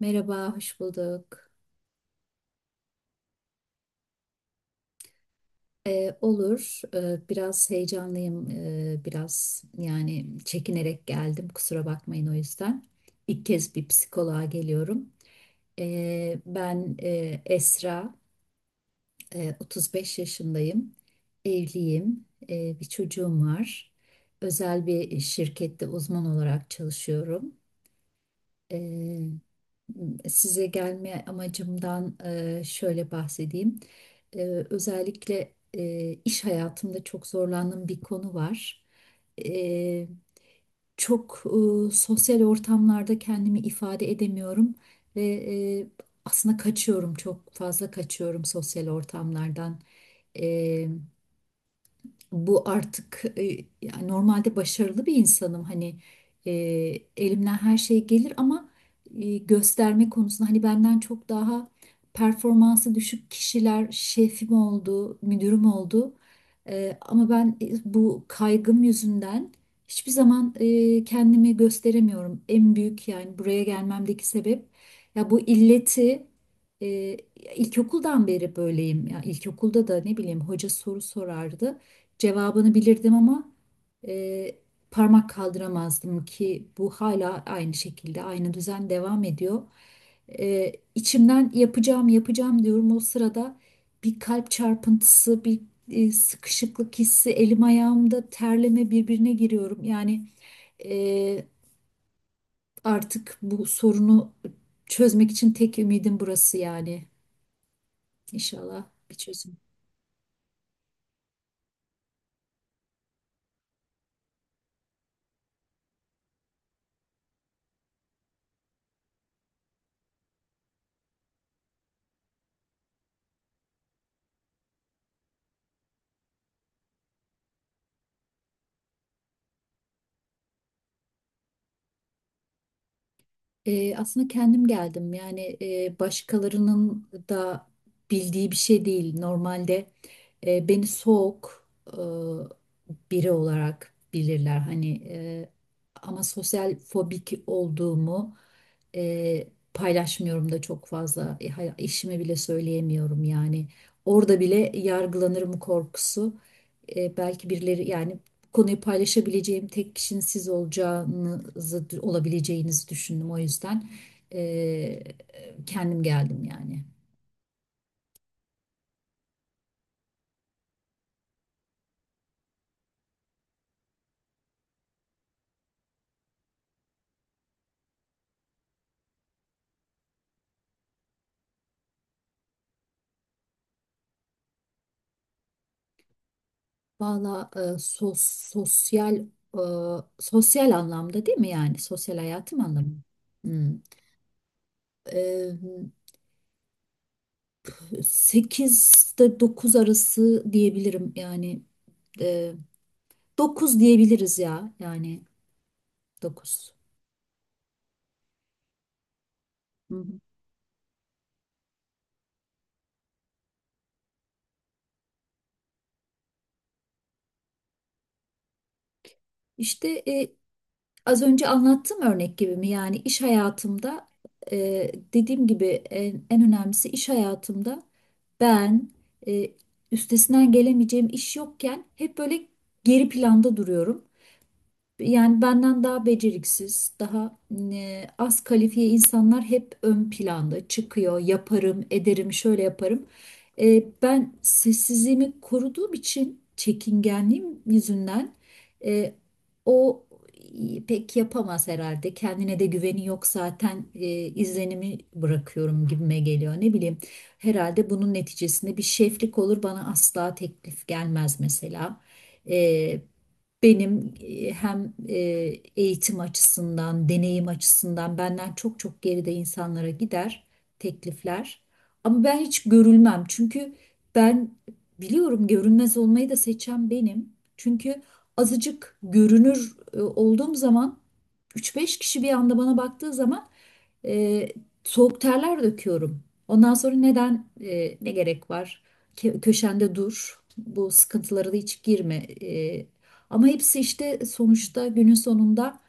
Merhaba, hoş bulduk. Olur. Biraz heyecanlıyım, biraz yani çekinerek geldim, kusura bakmayın o yüzden. İlk kez bir psikoloğa geliyorum. Ben Esra, 35 yaşındayım, evliyim, bir çocuğum var. Özel bir şirkette uzman olarak çalışıyorum. Ee, Size gelme amacımdan şöyle bahsedeyim. E, Özellikle iş hayatımda çok zorlandığım bir konu var. E, Çok sosyal ortamlarda kendimi ifade edemiyorum ve e, aslında kaçıyorum, çok fazla kaçıyorum sosyal ortamlardan bu artık yani normalde başarılı bir insanım hani, e, elimden her şey gelir ama gösterme konusunda hani benden çok daha performansı düşük kişiler şefim oldu, müdürüm oldu. Ama ben bu kaygım yüzünden hiçbir zaman kendimi gösteremiyorum. En büyük yani buraya gelmemdeki sebep ya bu illeti e, ilkokuldan beri böyleyim. Ya ilkokulda da ne bileyim hoca soru sorardı, cevabını bilirdim ama e, parmak kaldıramazdım ki bu hala aynı şekilde aynı düzen devam ediyor. İçimden yapacağım diyorum o sırada bir kalp çarpıntısı, bir sıkışıklık hissi, elim ayağımda terleme, birbirine giriyorum. Yani e, artık bu sorunu çözmek için tek ümidim burası yani. İnşallah bir çözüm. Aslında kendim geldim. Yani başkalarının da bildiği bir şey değil. Normalde beni soğuk biri olarak bilirler. Hani ama sosyal fobik olduğumu e, paylaşmıyorum da çok fazla. Eşime bile söyleyemiyorum yani. Orada bile yargılanırım korkusu. Belki birileri yani konuyu paylaşabileceğim tek kişinin siz olacağınızı, olabileceğinizi düşündüm. O yüzden e, kendim geldim yani. Valla sosyal, e, sosyal anlamda değil mi yani? Sosyal hayatım anlamında? Hmm. E, 8'de 9 arası diyebilirim yani. E, 9 diyebiliriz ya yani, 9. Hı hı. İşte, az önce anlattığım örnek gibi mi? Yani iş hayatımda, e, dediğim gibi en önemlisi iş hayatımda ben e, üstesinden gelemeyeceğim iş yokken hep böyle geri planda duruyorum. Yani benden daha beceriksiz, daha az kalifiye insanlar hep ön planda çıkıyor. Yaparım, ederim, şöyle yaparım. Ben sessizliğimi koruduğum için, çekingenliğim yüzünden, e, o pek yapamaz herhalde. Kendine de güveni yok zaten izlenimi bırakıyorum gibime geliyor. Ne bileyim, herhalde bunun neticesinde bir şeflik olur bana asla teklif gelmez mesela. Benim hem eğitim açısından, deneyim açısından benden çok çok geride insanlara gider teklifler. Ama ben hiç görülmem. Çünkü ben biliyorum, görünmez olmayı da seçen benim. Çünkü azıcık görünür olduğum zaman, üç beş kişi bir anda bana baktığı zaman e, soğuk terler döküyorum. Ondan sonra neden ne gerek var? Köşende dur. Bu sıkıntılara da hiç girme. E, Ama hepsi işte sonuçta günün sonunda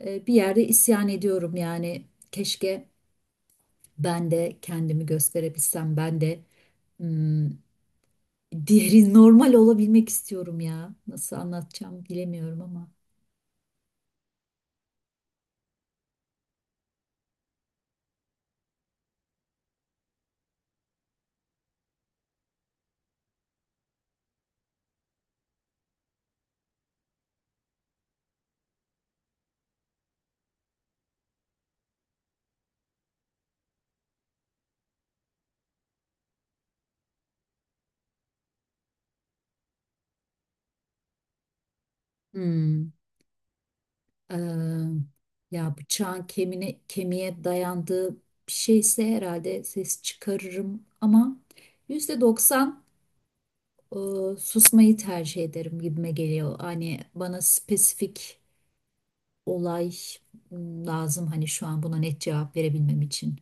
bir yerde isyan ediyorum yani. Keşke ben de kendimi gösterebilsem. Ben de hmm, diğeri normal olabilmek istiyorum ya. Nasıl anlatacağım bilemiyorum ama. Hmm, e, ya bıçağın kemiğe dayandığı bir şeyse herhalde ses çıkarırım ama %90 e, susmayı tercih ederim gibime geliyor. Hani bana spesifik olay lazım hani şu an buna net cevap verebilmem için.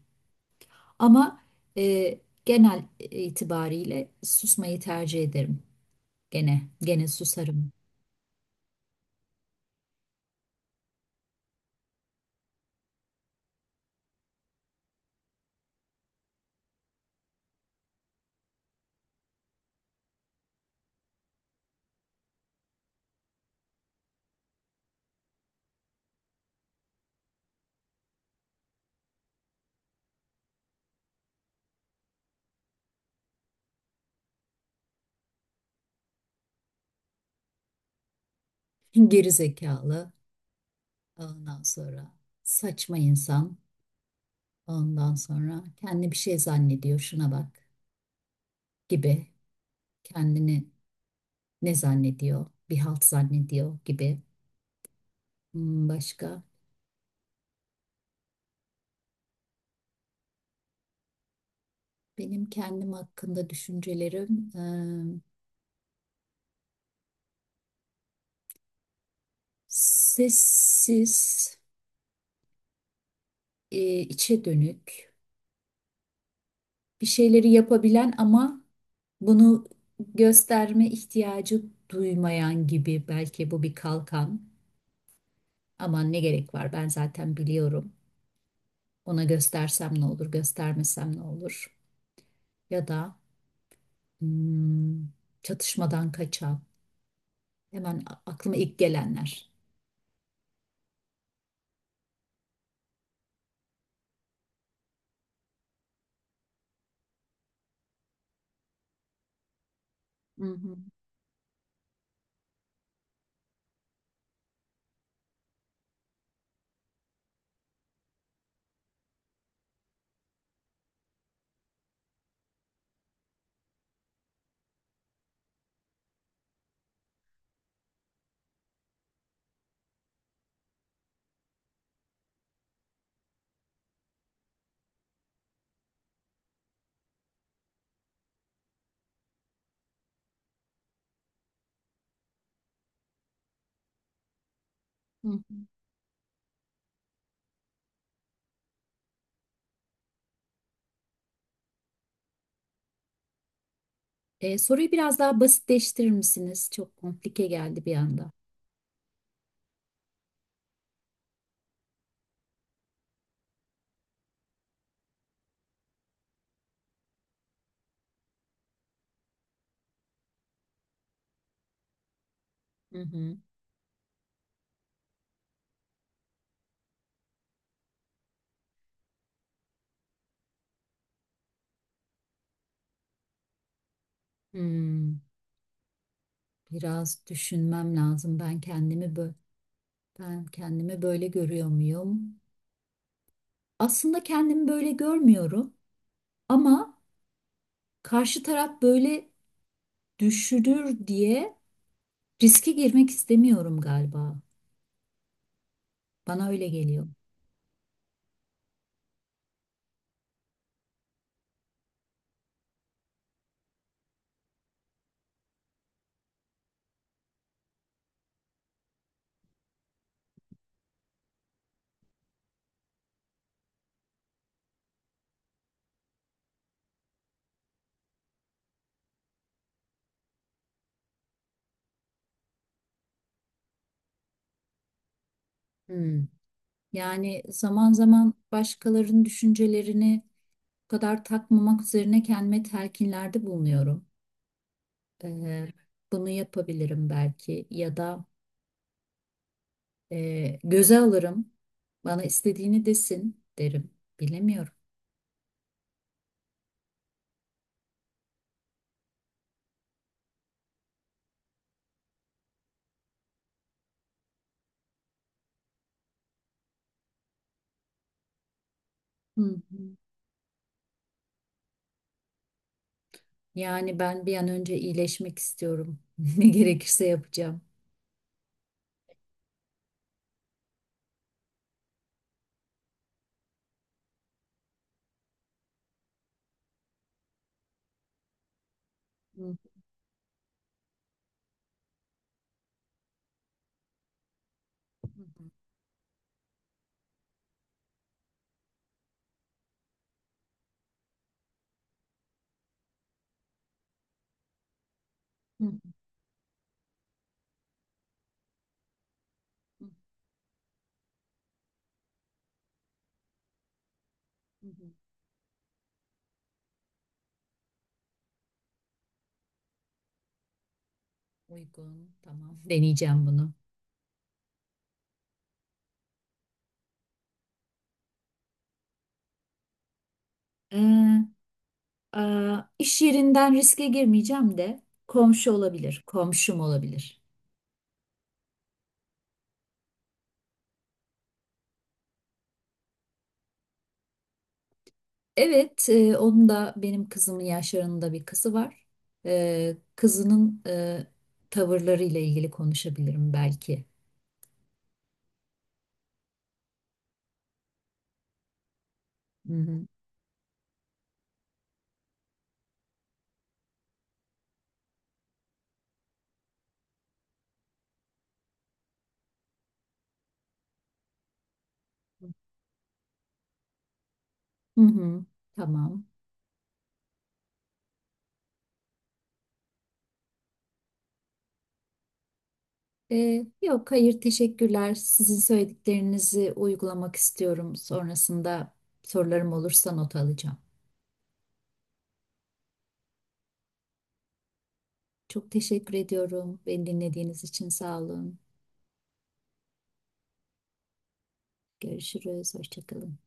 Ama genel itibariyle susmayı tercih ederim. Gene susarım. Geri zekalı, ondan sonra saçma insan, ondan sonra kendi bir şey zannediyor, şuna bak gibi. Kendini ne zannediyor? Bir halt zannediyor gibi. Hmm, başka benim kendim hakkında düşüncelerim sessiz, içe dönük, bir şeyleri yapabilen ama bunu gösterme ihtiyacı duymayan gibi, belki bu bir kalkan. Aman ne gerek var, ben zaten biliyorum. Ona göstersem ne olur, göstermesem ne olur? Ya da hmm, çatışmadan kaçan. Hemen aklıma ilk gelenler. Hı hı, hı hı. Soruyu biraz daha basitleştirir misiniz? Çok komplike geldi bir anda. Hı hı. Hmm. Biraz düşünmem lazım. Ben kendimi böyle görüyor muyum? Aslında kendimi böyle görmüyorum ama karşı taraf böyle düşünür diye riske girmek istemiyorum galiba. Bana öyle geliyor. Hmm. Yani zaman zaman başkalarının düşüncelerini bu kadar takmamak üzerine kendime telkinlerde bulunuyorum. Ee, Bunu yapabilirim belki ya da göze alırım. Bana istediğini desin derim. Bilemiyorum. Hı hı. Yani ben bir an önce iyileşmek istiyorum. Ne gerekirse yapacağım. Hı hı hı hı hı hı hı. Uygun, tamam. Deneyeceğim bunu. Ee, iş yerinden riske girmeyeceğim de komşu olabilir, komşum olabilir. Evet, onun da benim kızımın yaşlarında bir kızı var. Kızının tavırlarıyla ilgili konuşabilirim belki. Hı hı. Hı hı, tamam. Yok, hayır, teşekkürler. Sizin söylediklerinizi uygulamak istiyorum. Sonrasında sorularım olursa not alacağım. Çok teşekkür ediyorum. Beni dinlediğiniz için sağ olun. Görüşürüz. Hoşça kalın.